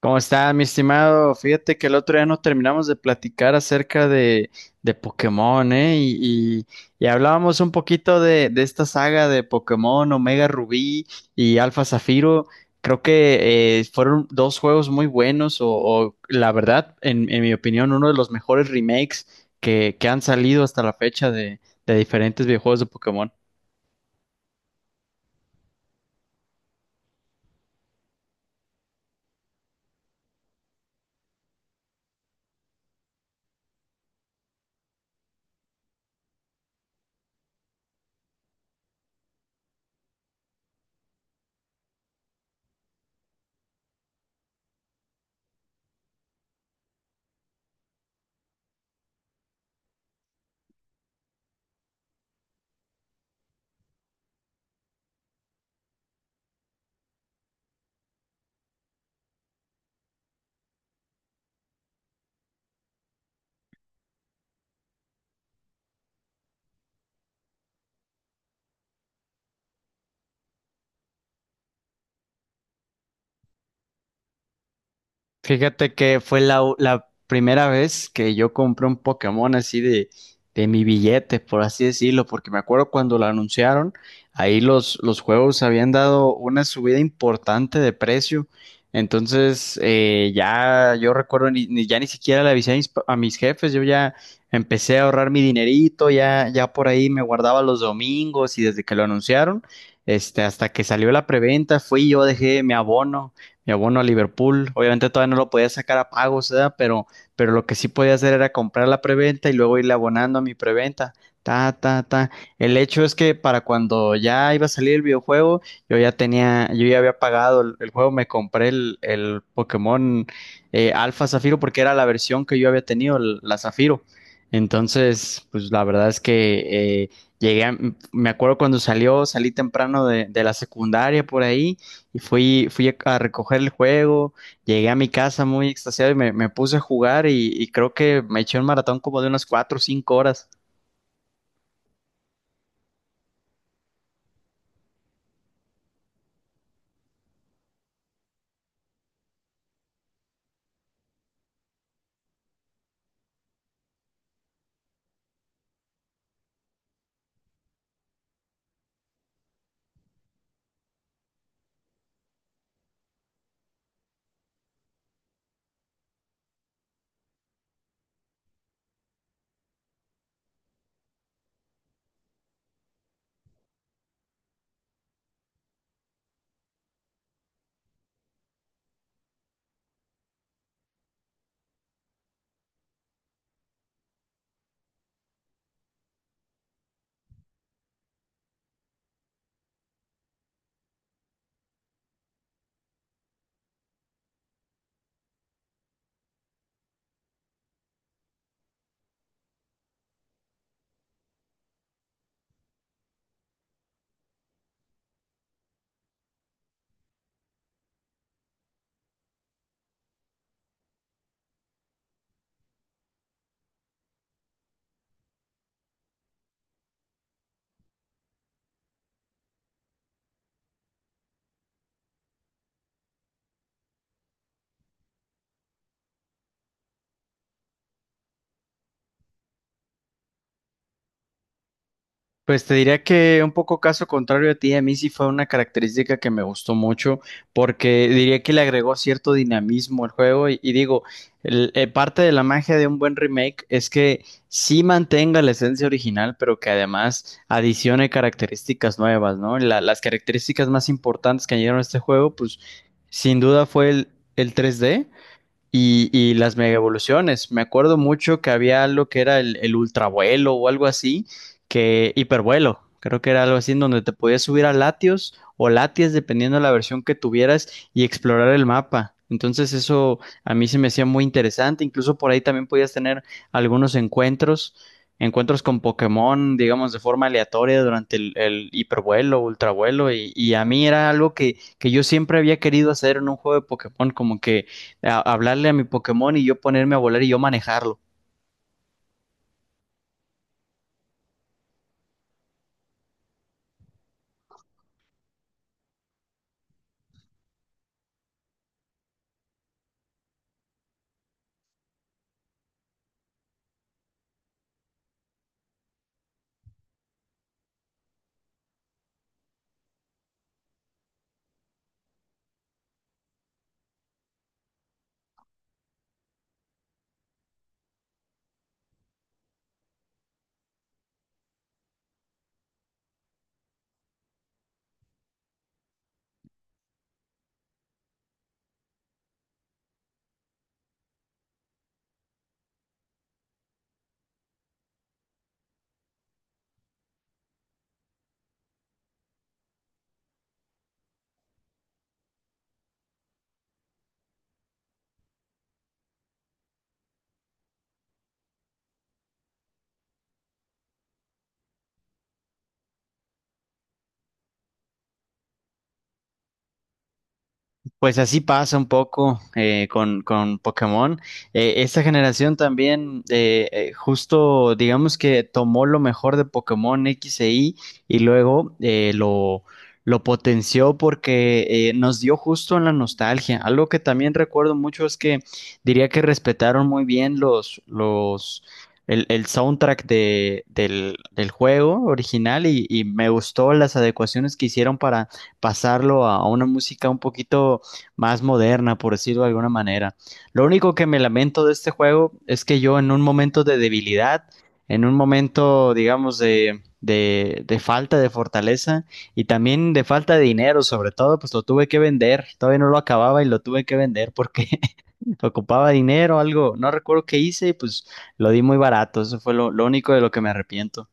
¿Cómo está, mi estimado? Fíjate que el otro día nos terminamos de platicar acerca de Pokémon, Y hablábamos un poquito de esta saga de Pokémon, Omega Rubí y Alfa Zafiro. Creo que fueron dos juegos muy buenos, la verdad, en mi opinión, uno de los mejores remakes que han salido hasta la fecha de diferentes videojuegos de Pokémon. Fíjate que fue la primera vez que yo compré un Pokémon así de mi billete, por así decirlo, porque me acuerdo cuando lo anunciaron, ahí los juegos habían dado una subida importante de precio. Entonces, ya yo recuerdo, ya ni siquiera le avisé a a mis jefes, yo ya empecé a ahorrar mi dinerito, ya por ahí me guardaba los domingos y desde que lo anunciaron, hasta que salió la preventa, fui yo, dejé mi abono a Liverpool. Obviamente todavía no lo podía sacar a pagos, ¿verdad? Pero lo que sí podía hacer era comprar la preventa y luego irle abonando a mi preventa. Ta, ta, ta. El hecho es que para cuando ya iba a salir el videojuego, yo ya había pagado el juego, me compré el Pokémon Alfa Zafiro porque era la versión que yo había tenido, la Zafiro. Entonces, pues la verdad es que llegué, a- me acuerdo cuando salió, salí temprano de la secundaria por ahí y fui a recoger el juego, llegué a mi casa muy extasiado y me puse a jugar y creo que me eché un maratón como de unas cuatro o cinco horas. Pues te diría que un poco caso contrario a ti, a mí sí fue una característica que me gustó mucho porque diría que le agregó cierto dinamismo al juego y digo, parte de la magia de un buen remake es que sí mantenga la esencia original, pero que además adicione características nuevas, ¿no? Las características más importantes que añadieron a este juego, pues sin duda fue el tres d y las mega evoluciones. Me acuerdo mucho que había algo que era el ultravuelo o algo así, que hipervuelo. Creo que era algo así en donde te podías subir a Latios o Latias, dependiendo de la versión que tuvieras, y explorar el mapa. Entonces eso a mí se me hacía muy interesante. Incluso por ahí también podías tener algunos encuentros, encuentros con Pokémon, digamos, de forma aleatoria durante el hipervuelo, ultravuelo. Y a mí era algo que yo siempre había querido hacer en un juego de Pokémon, como que hablarle a mi Pokémon y yo ponerme a volar y yo manejarlo. Pues así pasa un poco con Pokémon. Esta generación también justo digamos que tomó lo mejor de Pokémon X e Y y luego lo potenció porque nos dio justo en la nostalgia. Algo que también recuerdo mucho es que diría que respetaron muy bien el soundtrack del juego original y me gustó las adecuaciones que hicieron para pasarlo a una música un poquito más moderna, por decirlo de alguna manera. Lo único que me lamento de este juego es que yo en un momento de debilidad, en un momento, digamos, de falta de fortaleza y también de falta de dinero, sobre todo, pues lo tuve que vender. Todavía no lo acababa y lo tuve que vender porque ocupaba dinero, algo, no recuerdo qué hice y pues lo di muy barato. Eso fue lo único de lo que me arrepiento.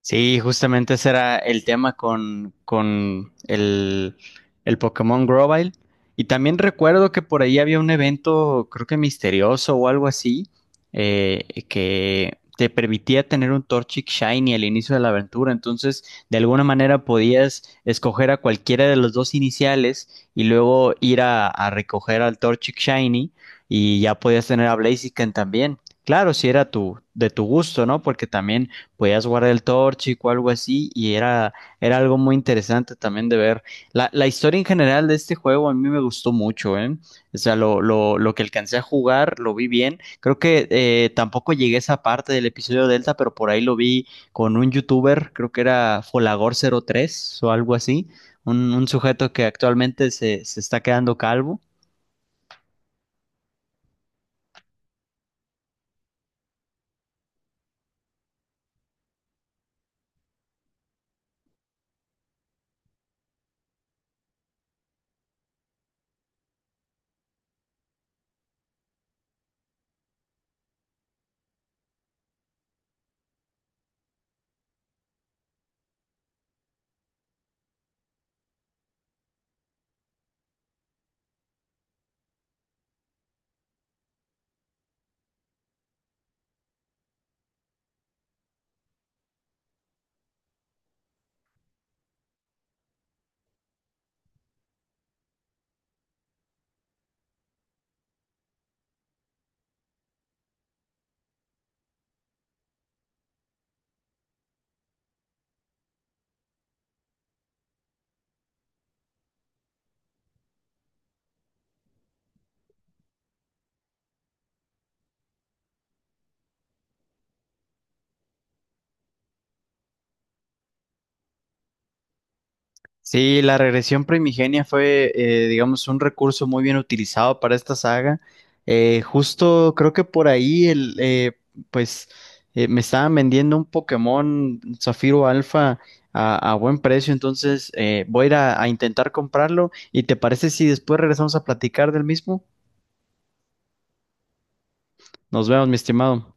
Sí, justamente ese era el tema con el Pokémon Grovyle. Y también recuerdo que por ahí había un evento, creo que misterioso o algo así, que te permitía tener un Torchic Shiny al inicio de la aventura. Entonces, de alguna manera podías escoger a cualquiera de los dos iniciales y luego ir a recoger al Torchic Shiny y ya podías tener a Blaziken también. Claro, si era tu, de tu gusto, ¿no? Porque también podías guardar el Torchic o algo así, era algo muy interesante también de ver. La historia en general de este juego a mí me gustó mucho, ¿eh? O sea, lo que alcancé a jugar, lo vi bien. Creo que tampoco llegué a esa parte del episodio Delta, pero por ahí lo vi con un youtuber, creo que era Folagor03 o algo así, un sujeto que actualmente se está quedando calvo. Sí, la regresión primigenia fue, digamos, un recurso muy bien utilizado para esta saga. Justo creo que por ahí pues, me estaban vendiendo un Pokémon Zafiro Alfa a buen precio, entonces voy a ir a intentar comprarlo. ¿Y te parece si después regresamos a platicar del mismo? Nos vemos, mi estimado.